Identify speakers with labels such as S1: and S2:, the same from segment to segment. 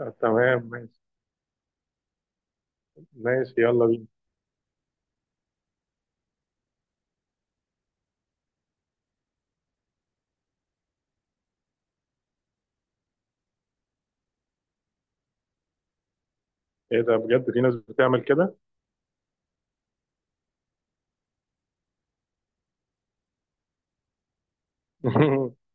S1: تمام ماشي ماشي يلا بينا. ايه ده بجد؟ في ناس بتعمل كده.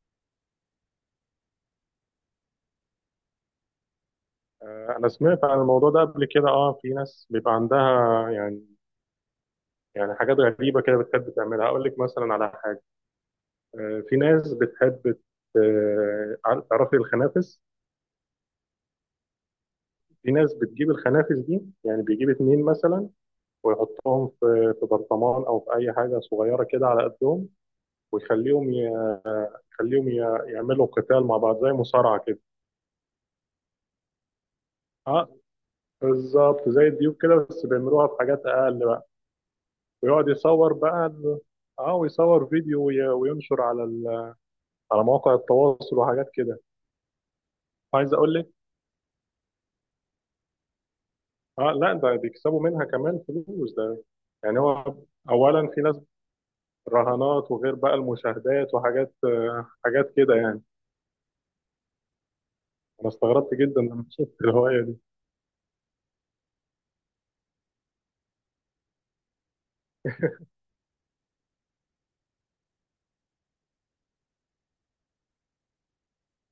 S1: انا سمعت عن الموضوع ده قبل كده. اه، في ناس بيبقى عندها يعني. حاجات غريبه كده بتحب تعملها. اقول لك مثلا على حاجه. في ناس بتحب ت- تعرفي الخنافس؟ في ناس بتجيب الخنافس دي، يعني بيجيب اتنين مثلا ويحطهم في برطمان او في اي حاجه صغيره كده على قدهم، ويخليهم يخليهم يعملوا قتال مع بعض زي مصارعه كده. اه بالظبط زي الديوك كده بس بيعملوها بحاجات اقل بقى. ويقعد يصور بقى اه ويصور فيديو وينشر على على مواقع التواصل وحاجات كده. عايز اقول لك، اه لا ده بيكسبوا منها كمان فلوس ده. يعني هو اولا في ناس رهانات، وغير بقى المشاهدات وحاجات حاجات كده يعني. انا استغربت جدا لما شفت الهوايه دي.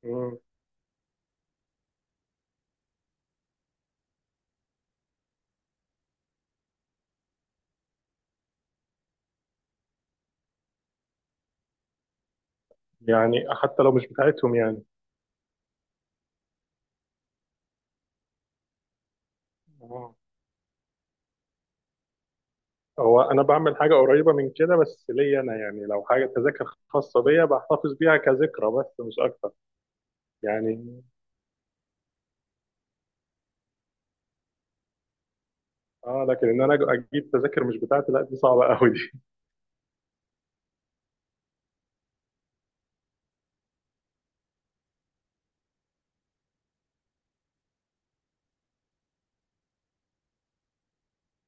S1: مم. يعني حتى لو مش بتاعتهم يعني. آه. هو انا بعمل حاجه قريبه من كده بس ليا انا، يعني لو حاجه تذاكر خاصه بيا بحتفظ بيها كذكرى بس مش اكتر يعني. اه لكن ان انا اجيب تذاكر مش بتاعتي، لا دي صعبه قوي دي.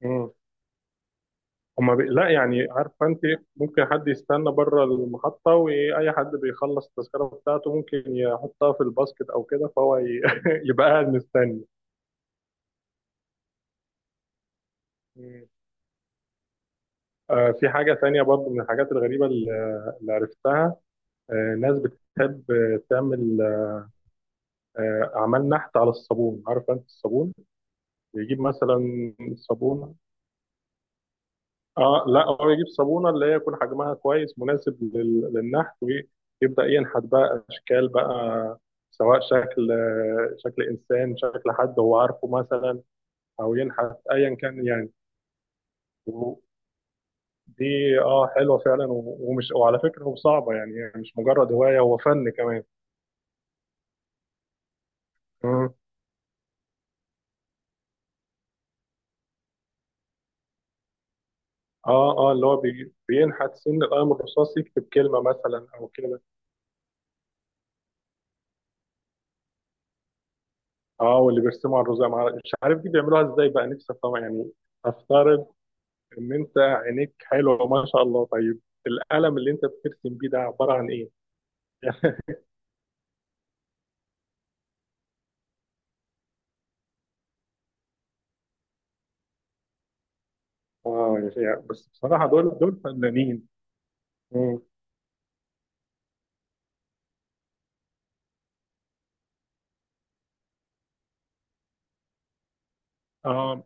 S1: مم. هما لا يعني عارفه انت. ممكن حد يستنى بره المحطه، واي حد بيخلص التذكره بتاعته ممكن يحطها في الباسكت او كده، فهو يبقى قاعد مستني. مم. آه في حاجه تانية برضو من الحاجات الغريبه اللي عرفتها. آه، ناس بتحب تعمل عمل نحت على الصابون. عارف انت الصابون؟ يجيب مثلا صابونه. اه لا، هو يجيب صابونه اللي هي يكون حجمها كويس مناسب للنحت، ويبدا ينحت بقى اشكال بقى. سواء شكل شكل انسان، شكل حد هو عارفه مثلا، او ينحت ايا كان يعني. ودي اه حلوه فعلا ومش، وعلى فكره هو صعبه يعني، هي مش مجرد هوايه، هو فن كمان. مم. اه اه اللي هو بينحت سن القلم الرصاص، يكتب كلمه مثلا او كده. اه، واللي بيرسموا على الرزق مش عارف دي بيعملوها ازاي بقى، نفسي افهمها يعني. افترض ان انت عينيك حلوه ما شاء الله. طيب القلم اللي انت بترسم بيه ده عباره عن ايه؟ اه يعني بس بصراحه دول فنانين. مم. اه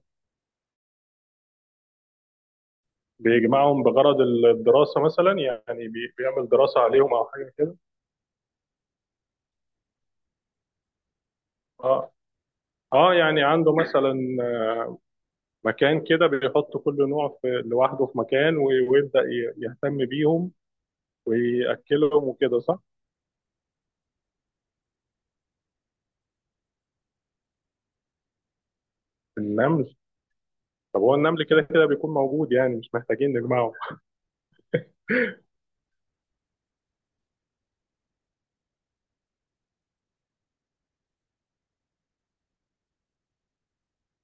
S1: بيجمعهم بغرض الدراسه مثلا، يعني بيعمل دراسه عليهم او حاجه كده. اه اه، يعني عنده مثلا مكان كده، بيحط كل نوع في لوحده في مكان ويبدا يهتم بيهم ويأكلهم وكده صح؟ النمل. طب هو النمل كده كده بيكون موجود، يعني مش محتاجين نجمعه.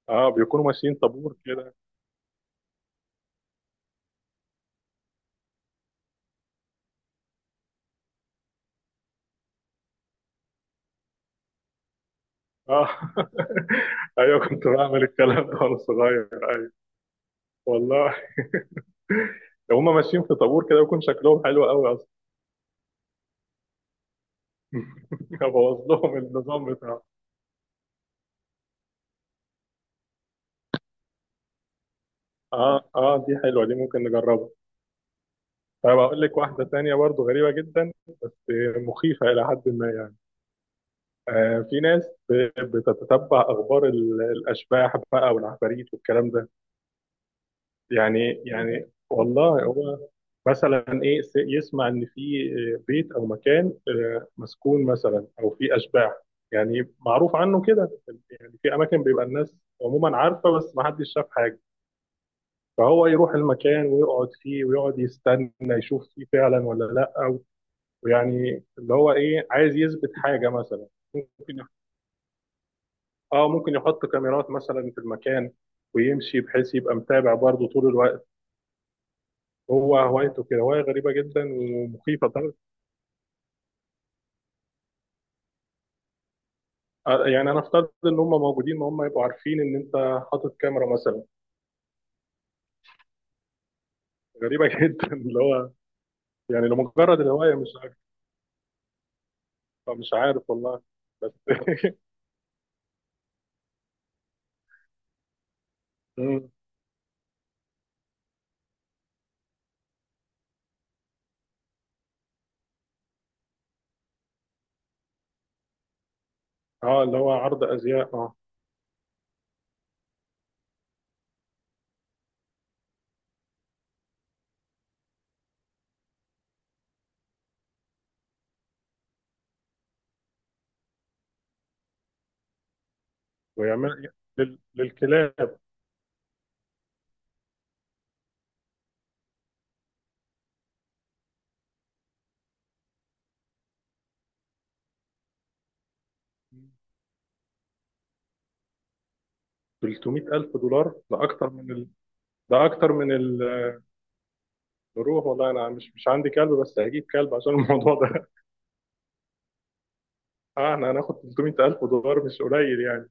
S1: اه بيكونوا ماشيين طابور كده. اه ايوه، كنت بعمل الكلام ده وانا صغير. ايوه والله. هما ماشيين في طابور كده ويكون شكلهم حلو قوي اصلا. ابوظ لهم النظام بتاعه. اه اه، دي حلوه، دي ممكن نجربها. طيب اقول لك واحده تانية برضو غريبه جدا. مخيفه الى حد ما يعني. آه في ناس بتتتبع اخبار الاشباح بقى والعفاريت والكلام ده. يعني والله هو مثلا ايه يسمع ان في بيت او مكان مسكون مثلا، او في اشباح يعني معروف عنه كده. يعني في اماكن بيبقى الناس عموما عارفه بس ما حدش شاف حاجه. فهو يروح المكان ويقعد فيه ويقعد يستنى يشوف فيه فعلا ولا لا. ويعني اللي هو ايه، عايز يثبت حاجه مثلا. ممكن يح- اه ممكن يحط كاميرات مثلا في المكان ويمشي، بحيث يبقى متابع برضه طول الوقت. هو هوايته كده، هواية غريبة جدا ومخيفة طبعا. يعني أنا أفترض إن هم موجودين، ما هم يبقوا عارفين إن أنت حاطط كاميرا مثلا. غريبة جدا، اللي هو يعني لمجرد الهواية. مش عارف، مش عارف والله. بس مم. أه اللي هو عرض أزياء أه. ويعمل للكلاب 300000 ألف دولار. ده أكتر من ده أكتر من الروح والله. أنا مش عندي كلب بس هجيب كلب عشان الموضوع ده. أه إحنا هناخد 300000 ألف دولار، مش قليل يعني.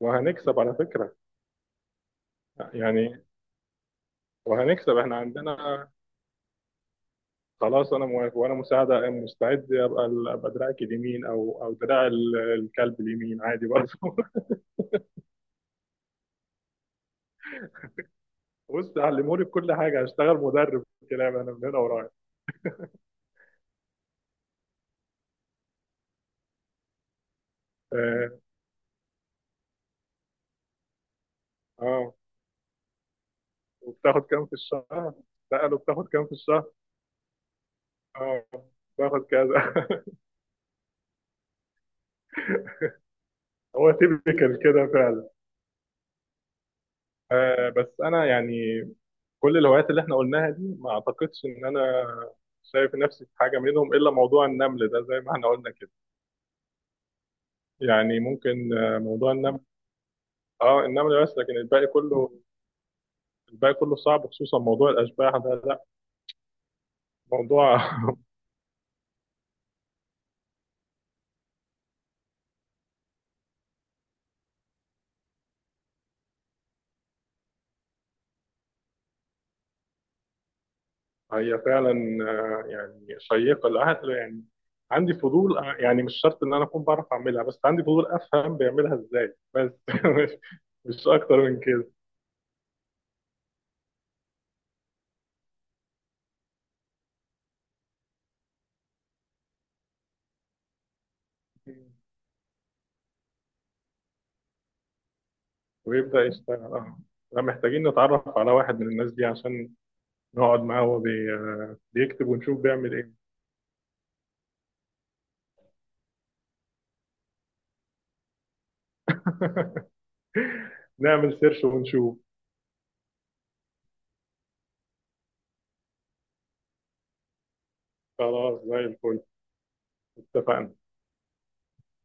S1: وهنكسب على فكرة. يعني وهنكسب احنا عندنا. خلاص انا موافق، وانا مساعده مستعد ابقى ابقى دراعك اليمين او دراع الكلب اليمين عادي برضه. بص علموني بكل حاجه، هشتغل مدرب كلاب انا من هنا ورايح. اه آه. وبتاخد كام في الشهر؟ سأله بتاخد كام في الشهر؟ اه باخد كذا. هو تيبيكال كده فعلا. آه بس انا يعني كل الهوايات اللي احنا قلناها دي ما اعتقدش ان انا شايف نفسي في حاجه منهم الا موضوع النمل ده زي ما احنا قلنا كده. يعني ممكن موضوع النمل. اه النمل بس، لكن الباقي كله، الباقي كله صعب، خصوصا موضوع الاشباح ده لا. موضوع هي فعلا يعني شيقه للعقل يعني. عندي فضول يعني مش شرط ان انا اكون بعرف اعملها، بس عندي فضول افهم بيعملها ازاي بس مش مش اكتر من كده. ويبدا يشتغل اه. لا، محتاجين نتعرف على واحد من الناس دي عشان نقعد معاه وهو آه، بيكتب ونشوف بيعمل ايه. نعمل سيرش ونشوف. خلاص زي الفل. اتفقنا.